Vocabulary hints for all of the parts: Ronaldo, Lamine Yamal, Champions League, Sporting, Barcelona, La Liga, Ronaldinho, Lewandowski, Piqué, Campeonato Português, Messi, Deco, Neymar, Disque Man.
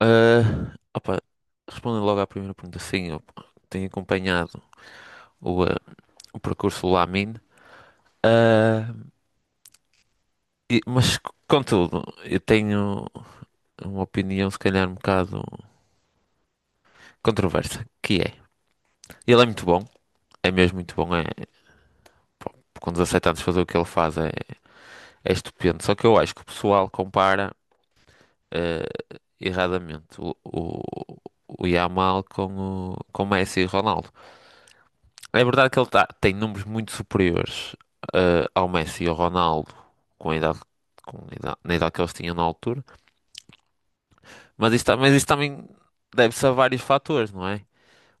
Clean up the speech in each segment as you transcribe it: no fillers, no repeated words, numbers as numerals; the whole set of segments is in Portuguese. Ah, opa, Respondendo logo à primeira pergunta, sim, eu tenho acompanhado o, ah, o percurso do Lamine. Ah, e- mas, Contudo, eu tenho uma opinião, se calhar, um bocado controversa, que é, ele é muito bom, é mesmo muito bom, é, pá, com 17 anos fazer o que ele faz é, é estupendo, só que eu acho que o pessoal compara, erradamente o Yamal com o Messi e Ronaldo. É verdade que tem números muito superiores ao Messi e ao Ronaldo com a idade, na idade que eles tinham na altura, mas mas isso também deve-se a vários fatores, não é?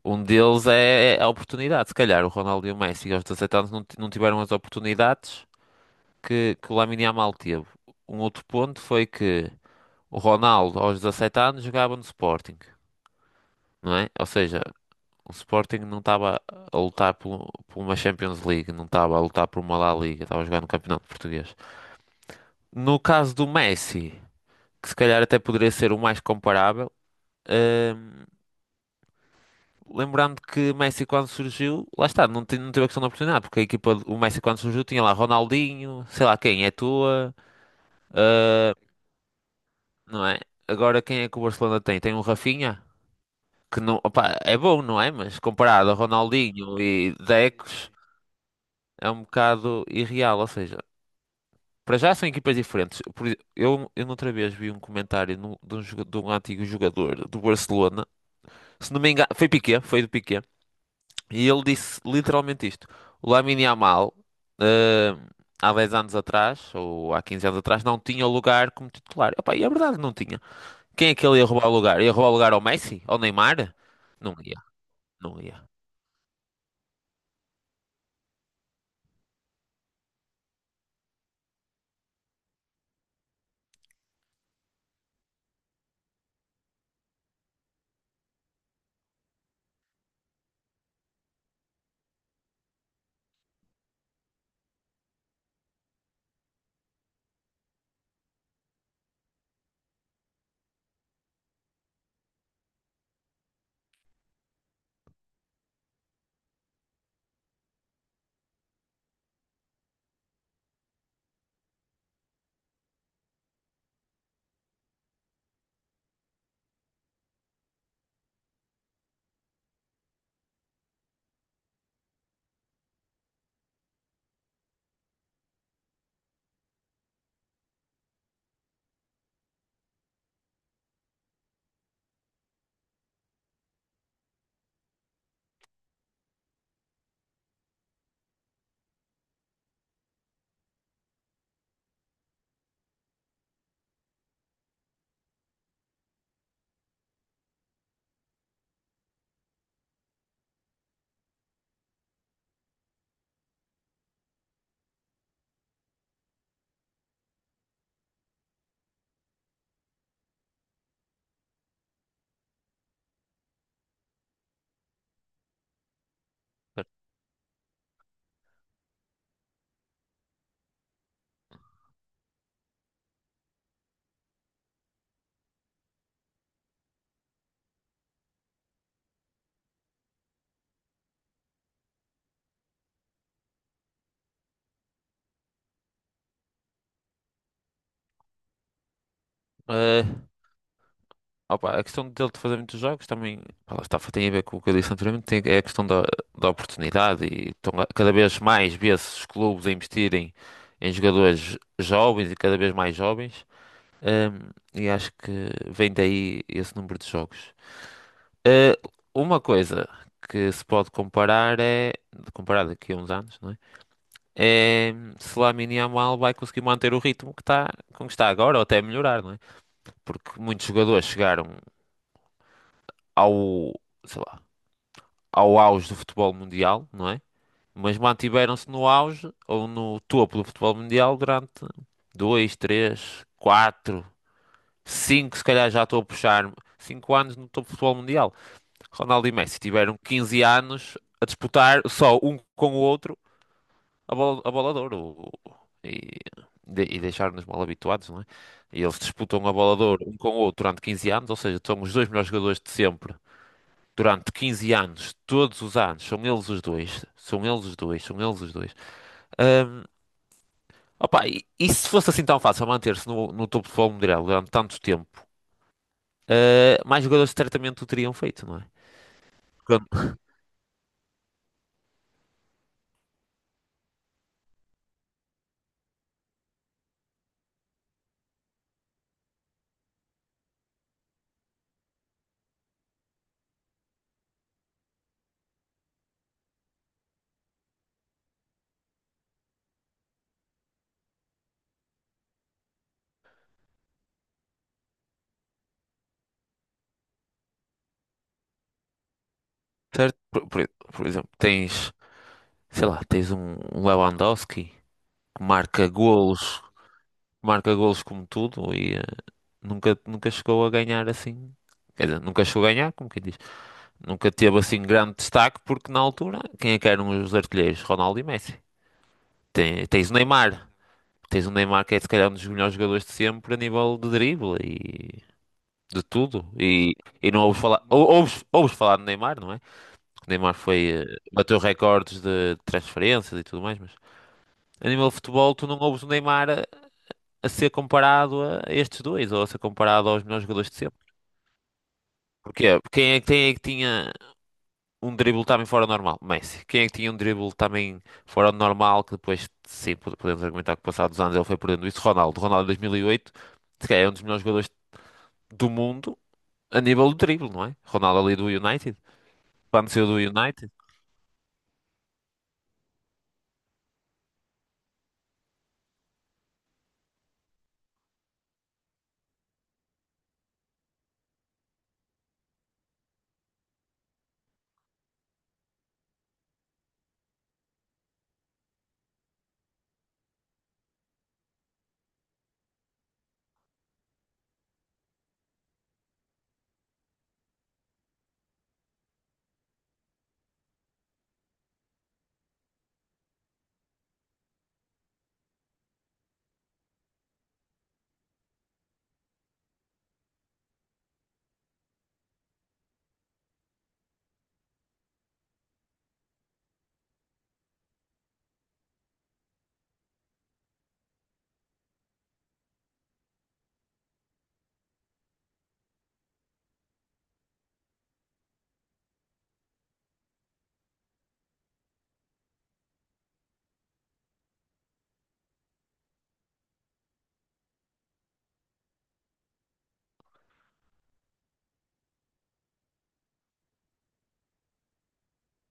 Um deles é a oportunidade. Se calhar o Ronaldo e o Messi aos 17 anos não tiveram as oportunidades que o Lamine Yamal teve. Um outro ponto foi que o Ronaldo aos 17 anos jogava no Sporting, não é? Ou seja, o Sporting não estava a por uma Champions League, não estava a lutar por uma La Liga, estava a jogar no Campeonato Português. No caso do Messi, que se calhar até poderia ser o mais comparável, hum, lembrando que Messi quando surgiu, lá está, não teve a questão da oportunidade, porque a o Messi quando surgiu tinha lá Ronaldinho, sei lá quem, é tua, não é? Agora quem é que o Barcelona tem? Tem um Rafinha, que não, opá, é bom, não é? Mas comparado a Ronaldinho e Decos, é um bocado irreal, ou seja. Para já são equipas diferentes. Eu noutra vez vi um de de um antigo jogador do Barcelona, se não me engano, foi Piqué, foi do Piqué, e ele disse literalmente isto: o Lamine Yamal, eh, há 10 anos atrás, ou há 15 anos atrás, não tinha lugar como titular. Epá, e é verdade, não tinha. Quem é que ele ia roubar o lugar? Ia roubar o lugar ao Messi? Ao Neymar? Não ia, não ia. Ah, a questão dele de fazer muitos jogos também, pá, lá está, tem a ver com o que eu disse anteriormente, tem, é a da oportunidade e cada vez mais vê-se os clubes a investirem em jogadores jovens e cada vez mais jovens. Ahm, e acho que vem daí esse número de jogos. Ah, uma coisa que se pode comparar é, comparar daqui a uns anos, não é? É se Lamine Yamal vai conseguir manter o ritmo que está, como está agora ou até melhorar, não é? Porque muitos jogadores chegaram ao sei lá, ao auge do futebol mundial, não é? Mas mantiveram-se no auge ou no topo do futebol mundial durante dois, três, quatro, cinco, se calhar já estou a puxar, cinco anos no topo do futebol mundial. Ronaldo e Messi tiveram 15 anos a disputar só um com o outro a bola de ouro. O- o- E, e deixaram-nos mal habituados, não é? E eles disputam a bola de ouro um com o outro durante 15 anos, ou seja, são os dois melhores jogadores de sempre durante 15 anos, todos os anos, são eles os dois, são eles os dois, são eles os dois. Ahm, Opa, e se fosse assim tão fácil manter-se no topo do futebol mundial durante tanto tempo, mais jogadores certamente o teriam feito, não é? Quando- Certo? Por exemplo, tens, sei lá, tens um Lewandowski que marca golos como tudo e nunca, nunca chegou a ganhar assim. Quer dizer, nunca chegou a ganhar, como quem diz. Nunca teve assim grande destaque porque na altura, quem é que eram os artilheiros? Ronaldo e Messi. Tens o Neymar. Tens o Neymar que é se calhar um dos melhores jogadores de sempre a nível de drible e de tudo. E não ouves falar, ouves falar do Neymar, não é? O Neymar foi, bateu recordes de transferências e tudo mais, mas a nível de futebol tu não ouves a ser comparado a estes dois, ou a ser comparado aos melhores jogadores de sempre. Porquê? Quem é que tinha um drible também fora do normal. Messi. Quem é que tinha um drible também fora do normal, que depois, sim, podemos argumentar que passados anos ele foi perdendo isso? Ronaldo. Ronaldo em 2008, se calhar é um dos melhores jogadores do mundo a nível do drible, não é? Ronaldo ali do United. Quando saiu do United,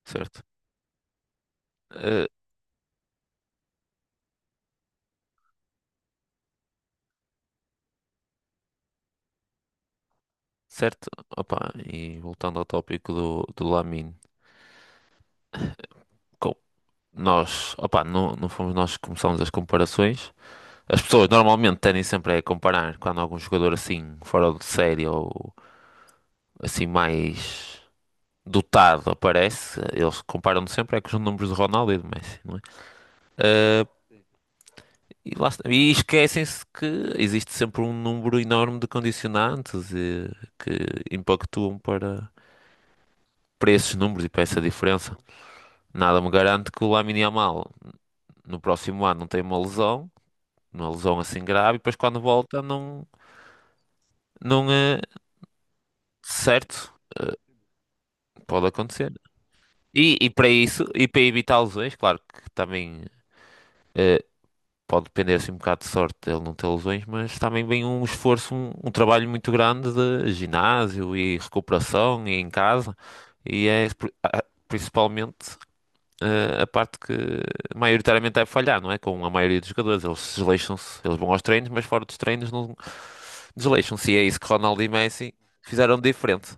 certo. Eh, certo. Opa, e voltando ao tópico do Lamine. com- Nós, opa, não, não fomos nós que começamos as comparações. As pessoas normalmente tendem sempre a comparar quando algum jogador assim fora de série ou assim mais dotado aparece, eles comparam sempre é com os números de Ronaldo e de Messi, não é? Ah, e lá está. E esquecem-se que existe sempre um número enorme de condicionantes e que impactuam para esses números e para essa diferença. Nada me garante que o Lamine Yamal no próximo ano não tenha uma lesão assim grave, e depois quando volta não, não é certo. Ah, Pode acontecer. E e para isso, e para evitar lesões, claro que também. ah, Pode depender assim um bocado de sorte dele não ter lesões, mas também vem um esforço, um trabalho muito grande de ginásio e recuperação e em casa. E é principalmente a parte que maioritariamente deve falhar, não é? Com a maioria dos jogadores, eles desleixam-se, eles vão aos treinos, mas fora dos treinos não desleixam-se. E é isso que Ronaldo e Messi fizeram de diferente.